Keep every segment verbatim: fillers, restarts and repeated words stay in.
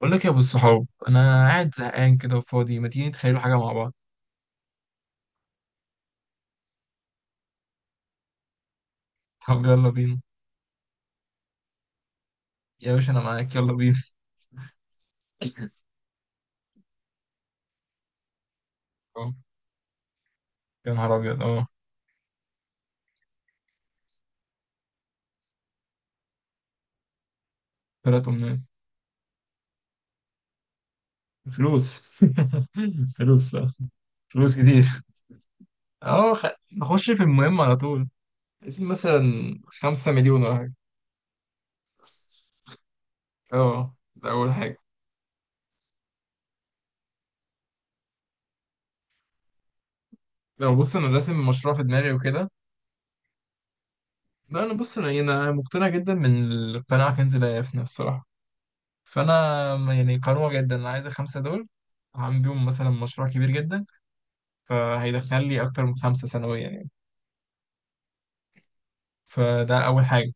بقول لك يا ابو الصحاب، انا قاعد زهقان كده وفاضي. ما تيجي نتخيلوا حاجه مع بعض؟ طب يلا بينا. يا باشا انا معاك، يلا بينا. آه، يا نهار ابيض اه. طلعت منين؟ فلوس. فلوس آه، فلوس كتير. اه خ... نخش في المهم على طول. عايزين مثلا خمسة مليون ولا حاجه. اه ده اول حاجه. لو بص، انا راسم مشروع في دماغي وكده. لا انا بص، انا إيه، أنا مقتنع جدا من القناعه كنز لا يفنى بصراحه. فانا م- يعني قنوع جدا، انا عايز الخمسه دول. هعمل بيهم مثلا مشروع كبير جدا، فهيدخل لي اكتر من خمسه سنويا يعني. فده اول حاجه.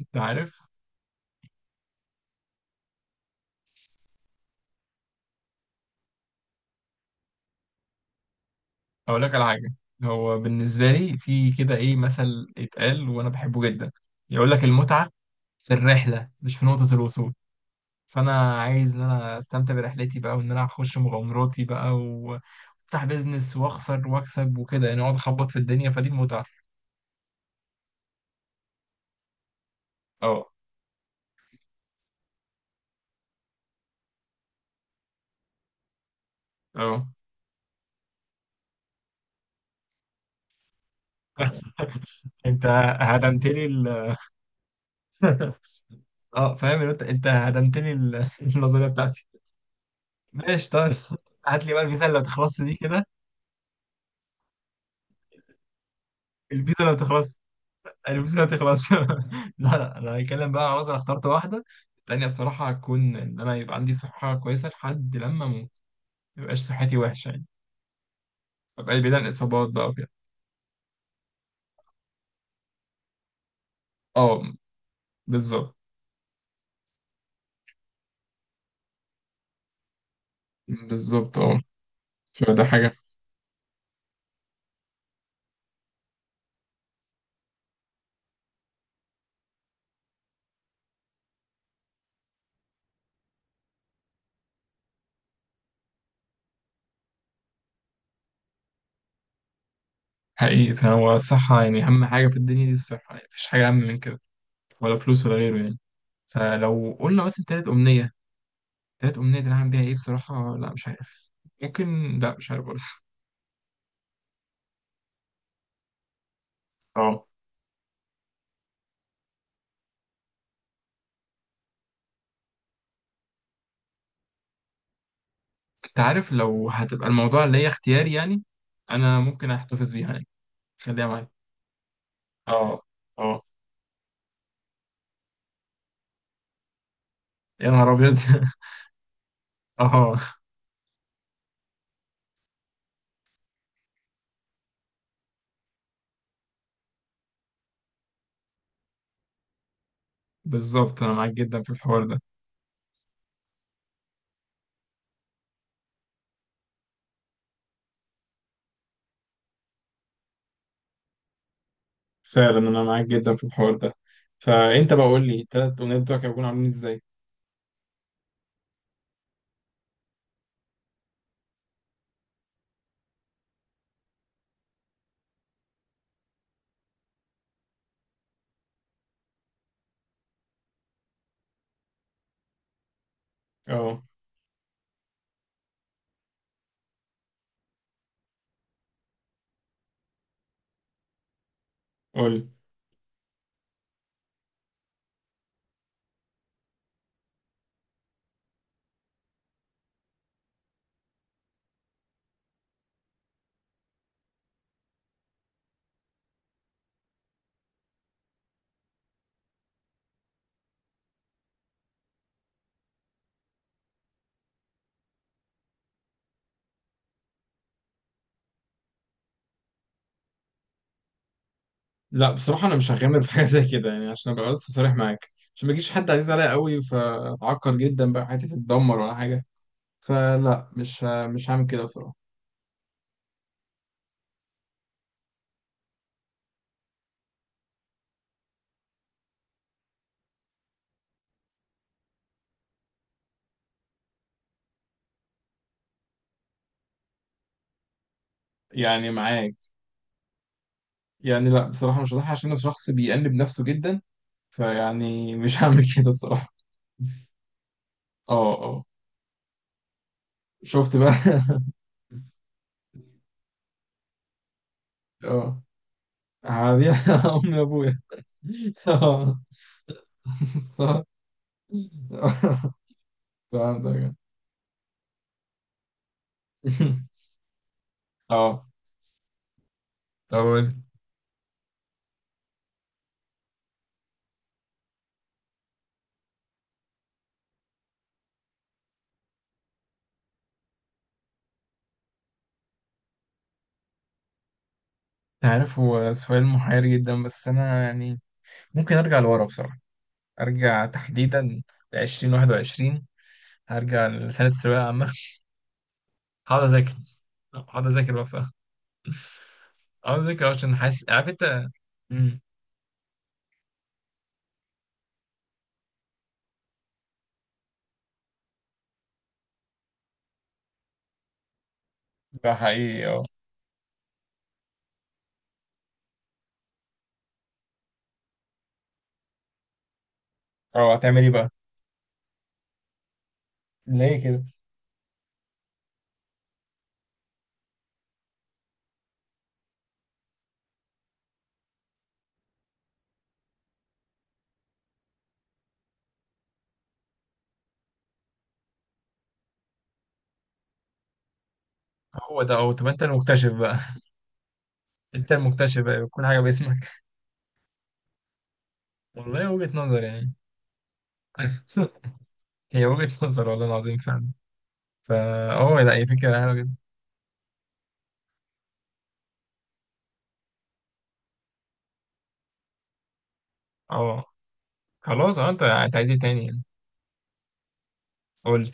انت عارف، اقول لك على حاجه. هو بالنسبه لي في كده ايه مثل اتقال وانا بحبه جدا، يقول لك المتعه في الرحله مش في نقطه الوصول. فانا عايز ان انا استمتع برحلتي بقى، وان انا اخش مغامراتي بقى و- وافتح بيزنس واخسر واكسب وكده يعني، اقعد اخبط في الدنيا فدي المتعه. اه اه. انت هدمت لي. اه فاهم إن انت انت هدمت لي ال- النظريه بتاعتي. ماشي طيب. هات لي بقى الفيزا اللي ما تخلصش دي كده. الفيزا اللي ما تخلصش، الفيزا اللي ما تخلصش. لا لا، انا هتكلم بقى، خلاص انا اخترت واحده. التانيه بصراحه هتكون ان انا يبقى عندي صحه كويسه لحد لما اموت. ما يبقاش صحتي وحشه يعني، ابقى بعيد عن الاصابات بقى وكده. اه بالظبط. بالظبط اه. فده حاجه. حقيقي، فهو الصحه يعني اهم حاجه في الدنيا دي. الصحه يعني مفيش حاجه اهم من كده، ولا فلوس ولا غيره يعني. فلو قلنا مثلا تالت أمنية، تالت أمنية دي أنا هعمل بيها إيه بصراحة؟ لا مش عارف. ممكن. لا مش عارف برضه. اه. أنت عارف، لو هتبقى الموضوع اللي هي اختياري يعني، أنا ممكن أحتفظ بيها يعني. خليها معايا. اه اه. يا نهار أبيض. اه بالظبط، أنا معاك جدا في الحوار ده. فعلا أنا معاك جدا في الحوار ده. فأنت بقى قول لي، التلات أمنيات بتوعك هيكونوا عاملين إزاي؟ اه قول. لا بصراحة أنا مش هغامر في حاجة زي كده يعني، عشان أبقى بس صريح معاك، عشان ما يجيش حد عزيز عليا قوي فأتعكر جدا، بقى حياتي تتدمر ولا حاجة. فلا مش ه- مش هعمل كده بصراحة. يعني معاك يعني. لا بصراحة، مش هضحي عشان انا شخص بيأنب نفسه جدا. فيعني مش هعمل كده الصراحة. اه اه. شفت بقى. اه هبيع امي وابويا. اه صح. فهمتك. اه. طب قول. عارف، هو سؤال محير جدا، بس انا يعني ممكن ارجع لورا بصراحة. ارجع تحديدا ل ألفين وواحد وعشرين، هرجع لسنة الثانوية العامة. هقعد اذاكر، هقعد اذاكر بقى بصراحه. هقعد اذاكر عشان حاسس، عارف انت. مم. ده حقيقي اه. اه هتعمل ايه بقى؟ ليه كده؟ هو ده هو. طب انت المكتشف بقى. انت المكتشف بقى، كل حاجه باسمك. والله وجهه نظر يعني. هي وجهه نظر والله العظيم فعلا. فا اه لا، هي فكره حلوه جدا. اه خلاص. اه، انت انت عايز ايه تاني يعني؟ قول لي.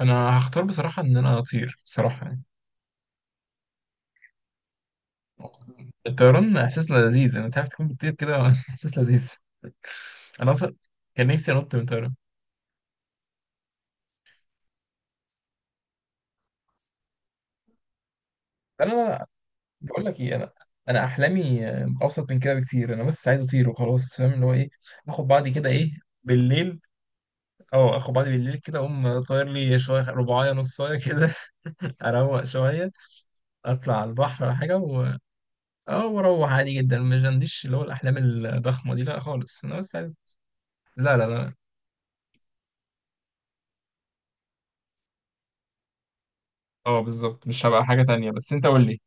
انا هختار بصراحه ان انا اطير بصراحه يعني. الطيران احساس لذيذ. انا تعرف تكون بتطير كده احساس لذيذ. انا اصلا كان نفسي انط من طيران. انا بقول لك ايه، انا انا احلامي آه، اوسط من كده بكتير. انا بس عايز اطير وخلاص، فاهم اللي هو ايه. اخد بعضي كده ايه، بالليل. اه اخد بعضي بالليل كده، اقوم طاير لي شويه رباعيه نصايه كده. اروق شويه، اطلع على البحر ولا حاجه و... اه واروح عادي جدا. مش عنديش اللي هو الاحلام الضخمه دي، لا خالص. انا بس عايز. لا لا لا. اه بالظبط، مش هبقى حاجه تانية. بس انت قول لي.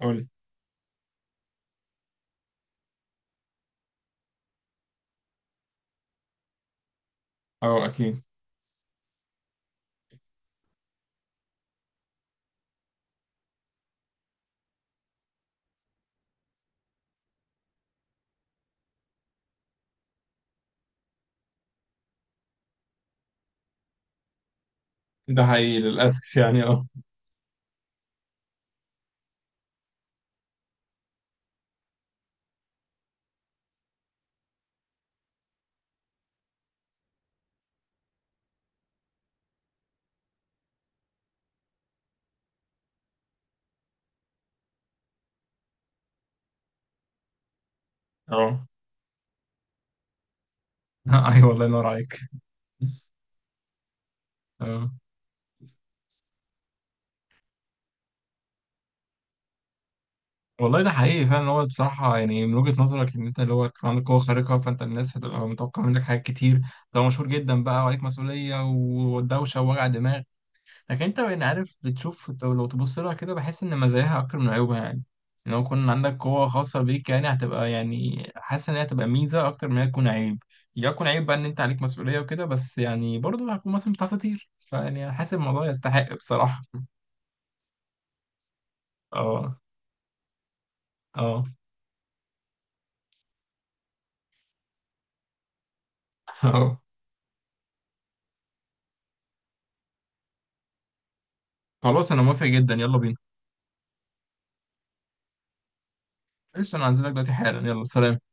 قول لي. اه اكيد. ده حقيقي للاسف يعني اه. اه. ايوه الله ينور عليك. اه والله ده حقيقي فعلا. هو بصراحة يعني من وجهة نظرك إن أنت اللي هو يكون عندك قوة خارقة، فأنت الناس هتبقى متوقعة منك حاجات كتير. لو مشهور جدا بقى، وعليك مسؤولية ودوشة ووجع دماغ. لكن انت يعني عارف، بتشوف لو لو تبص لها كده بحس ان مزاياها اكتر من عيوبها يعني. ان لو كان عندك قوة خاصة بيك، يعني هتبقى يعني حاسس ان هي هتبقى ميزة اكتر من هي تكون عيب. يكون عيب بقى ان انت عليك مسؤولية وكده، بس يعني برضه هتكون مثلا بتعرف تطير، فيعني أنا حاسس الموضوع يستحق بصراحة. اه اه. اه خلاص انا موافق جدا، يلا بينا. قشطة، انا هنزلك دلوقتي حالا، يلا سلام.